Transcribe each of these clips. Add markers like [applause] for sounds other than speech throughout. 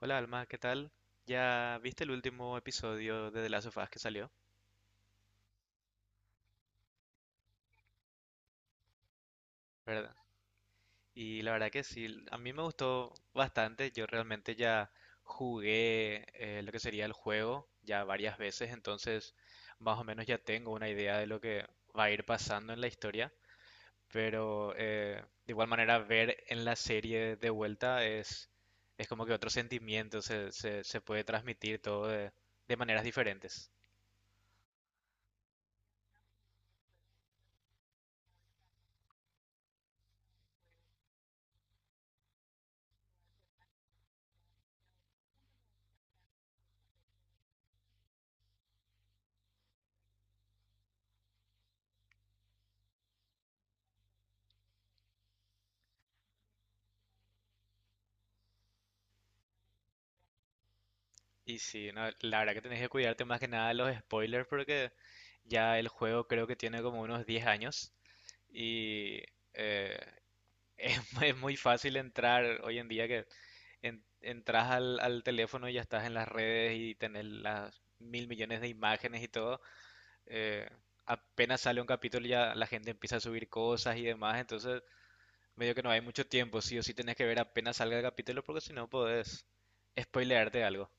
Hola Alma, ¿qué tal? Ya viste el último episodio de The Last of Us que salió, ¿verdad? Y la verdad que sí, a mí me gustó bastante. Yo realmente ya jugué lo que sería el juego ya varias veces, entonces más o menos ya tengo una idea de lo que va a ir pasando en la historia. Pero de igual manera ver en la serie de vuelta es como que otro sentimiento, se puede transmitir todo de maneras diferentes. Y sí, no, la verdad que tenés que cuidarte más que nada de los spoilers porque ya el juego creo que tiene como unos 10 años y eh, [laughs] es muy fácil entrar hoy en día que entras al teléfono y ya estás en las redes y tenés las 1.000 millones de imágenes y todo. eh, Apenas sale un capítulo ya la gente empieza a subir cosas y demás, entonces medio que no hay mucho tiempo, sí o sí tenés que ver apenas salga el capítulo porque si no podés spoilearte algo.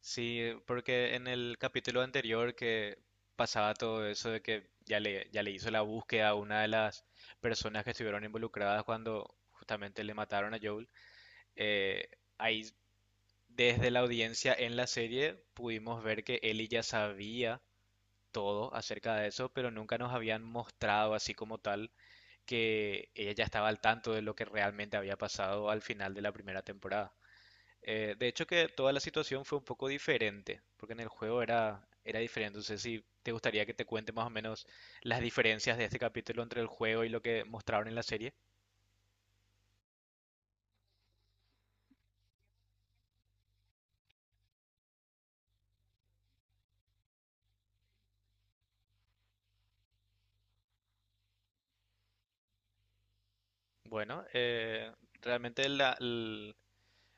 Sí, porque en el capítulo anterior que pasaba todo eso de que ya le hizo la búsqueda a una de las personas que estuvieron involucradas cuando justamente le mataron a Joel, eh, ahí desde la audiencia en la serie pudimos ver que Ellie ya sabía todo acerca de eso, pero nunca nos habían mostrado así como tal que ella ya estaba al tanto de lo que realmente había pasado al final de la primera temporada. De hecho que toda la situación fue un poco diferente, porque en el juego era diferente. No sé si te gustaría que te cuente más o menos las diferencias de este capítulo entre el juego y lo que mostraron en la serie. Bueno, realmente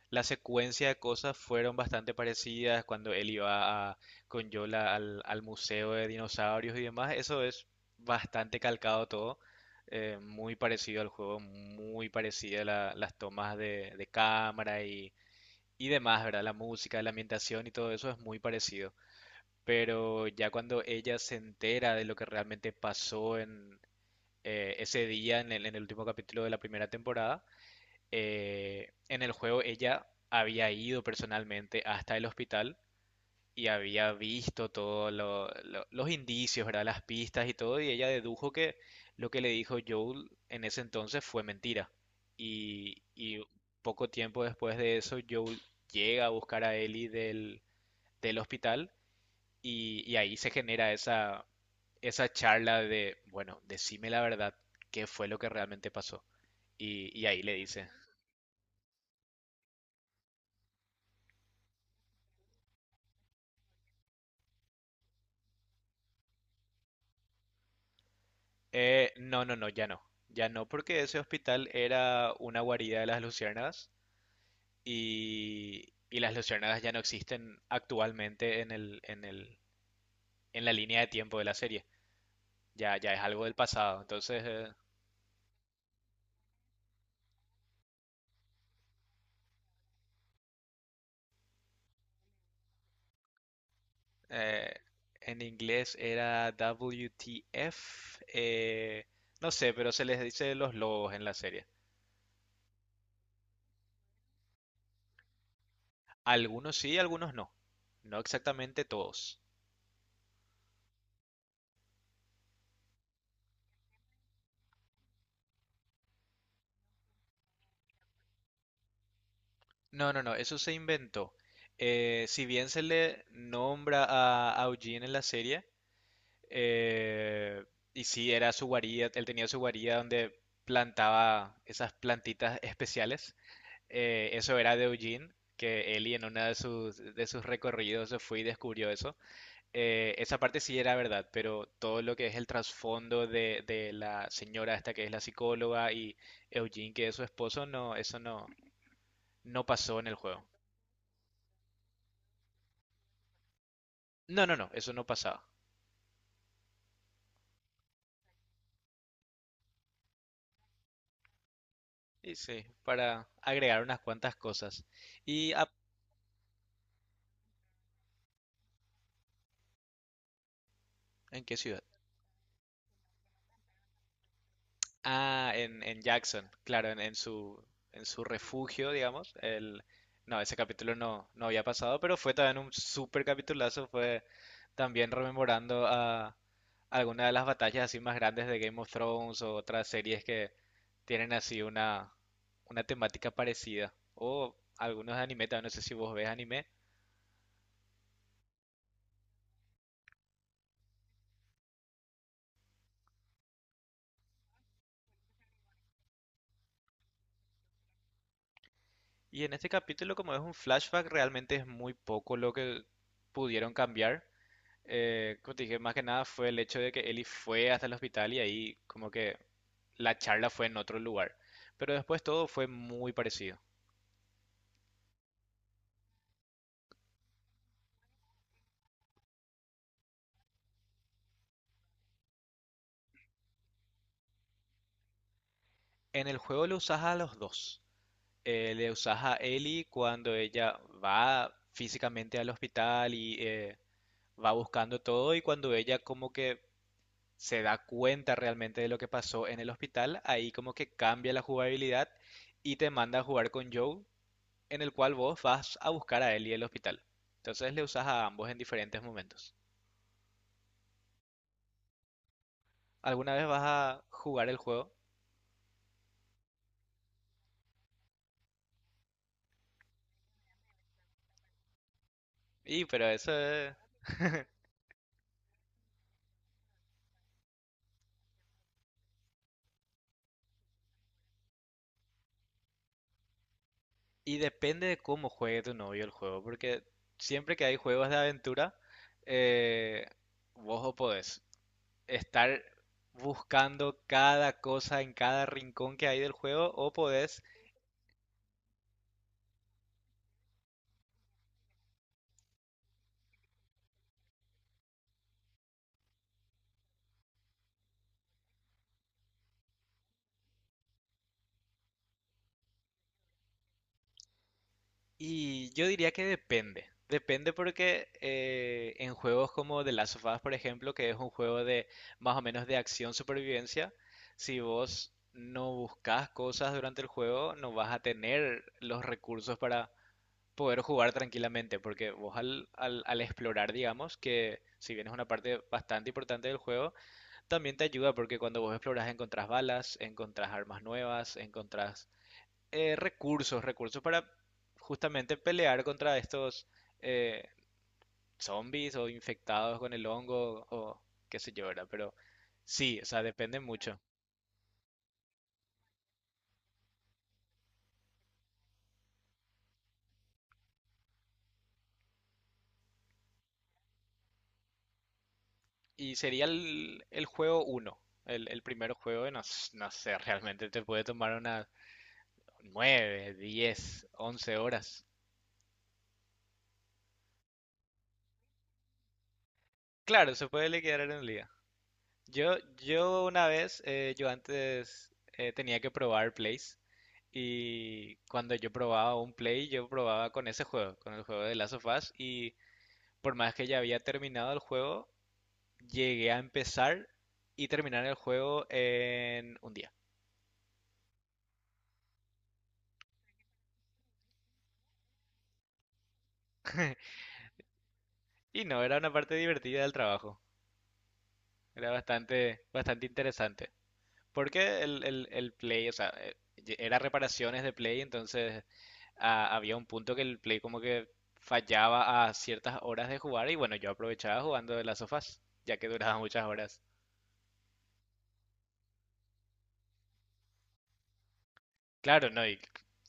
la secuencia de cosas fueron bastante parecidas cuando él con Yola al museo de dinosaurios y demás. Eso es bastante calcado todo, muy parecido al juego, muy parecida las tomas de cámara y demás, ¿verdad? La música, la ambientación y todo eso es muy parecido. Pero ya cuando ella se entera de lo que realmente pasó en ese día, en el último capítulo de la primera temporada, en el juego ella había ido personalmente hasta el hospital y había visto todos los indicios, ¿verdad? Las pistas y todo, y ella dedujo que lo que le dijo Joel en ese entonces fue mentira. Y poco tiempo después de eso, Joel llega a buscar a Ellie del hospital y ahí se genera esa charla de, bueno, decime la verdad, qué fue lo que realmente pasó. Y ahí le dice, no, no, no, ya no, porque ese hospital era una guarida de las luciérnagas y las luciérnagas ya no existen actualmente en la línea de tiempo de la serie. Ya es algo del pasado. Entonces, eh, en inglés era WTF. No sé, pero se les dice los lobos en la serie. Algunos sí, algunos no. No exactamente todos. No, no, no, eso se inventó. Si bien se le nombra a Eugene en la serie, Eh, y sí, era su guarida, él tenía su guarida donde plantaba esas plantitas especiales. Eso era de Eugene, que Ellie en uno de de sus recorridos se fue y descubrió eso. Esa parte sí era verdad, pero todo lo que es el trasfondo de la señora esta que es la psicóloga y Eugene que es su esposo, no, eso no, no pasó en el juego. No, no, no, eso no pasaba. Y sí, para agregar unas cuantas cosas. ¿Y en qué ciudad? Ah, en Jackson, claro, en su refugio, digamos. No, ese capítulo no, no había pasado, pero fue también un súper capitulazo. Fue también rememorando a alguna de las batallas así más grandes de Game of Thrones o otras series que tienen así una temática parecida. O algunos de anime, también no sé si vos ves anime. Y en este capítulo, como es un flashback, realmente es muy poco lo que pudieron cambiar. Como te dije, más que nada fue el hecho de que Ellie fue hasta el hospital y ahí como que la charla fue en otro lugar. Pero después todo fue muy parecido. En el juego le usas a los dos. Le usas a Ellie cuando ella va físicamente al hospital y va buscando todo y cuando ella como que se da cuenta realmente de lo que pasó en el hospital, ahí como que cambia la jugabilidad y te manda a jugar con Joe, en el cual vos vas a buscar a él y el hospital. Entonces le usas a ambos en diferentes momentos. Alguna vez vas a jugar el juego, y pero y depende de cómo juegue tu novio el juego, porque siempre que hay juegos de aventura, eh, vos o podés estar buscando cada cosa en cada rincón que hay del juego, o podés y yo diría que depende. Depende porque en juegos como The Last of Us, por ejemplo, que es un juego de más o menos de acción supervivencia, si vos no buscas cosas durante el juego, no vas a tener los recursos para poder jugar tranquilamente, porque vos al explorar, digamos, que si bien es una parte bastante importante del juego, también te ayuda porque cuando vos exploras encontrás balas, encontrás armas nuevas, encontrás recursos para justamente pelear contra estos eh, zombies o infectados con el hongo o qué sé yo, ¿verdad? Pero sí, o sea, depende mucho. Y sería el juego uno el primer juego, y no, no sé, realmente te puede tomar unas 9, 10, 11 horas. Claro, se puede liquidar en el día. Yo, yo una vez, yo antes tenía que probar plays y cuando yo probaba un play, yo probaba con ese juego, con el juego de Last of Us y por más que ya había terminado el juego, llegué a empezar y terminar el juego en un día. Y no, era una parte divertida del trabajo, era bastante, bastante interesante. Porque el play, o sea, era reparaciones de play, entonces ah, había un punto que el Play como que fallaba a ciertas horas de jugar y bueno, yo aprovechaba jugando de las sofás, ya que duraba [laughs] muchas horas. Claro, no, y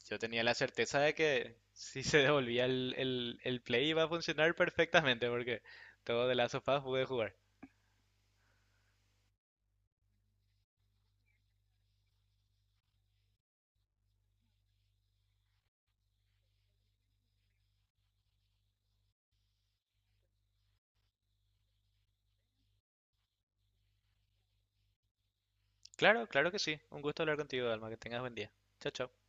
yo tenía la certeza de que si se devolvía el Play iba a funcionar perfectamente porque todo de las sofás pude jugar. Claro, claro que sí. Un gusto hablar contigo, Alma, que tengas buen día. Chao, chao.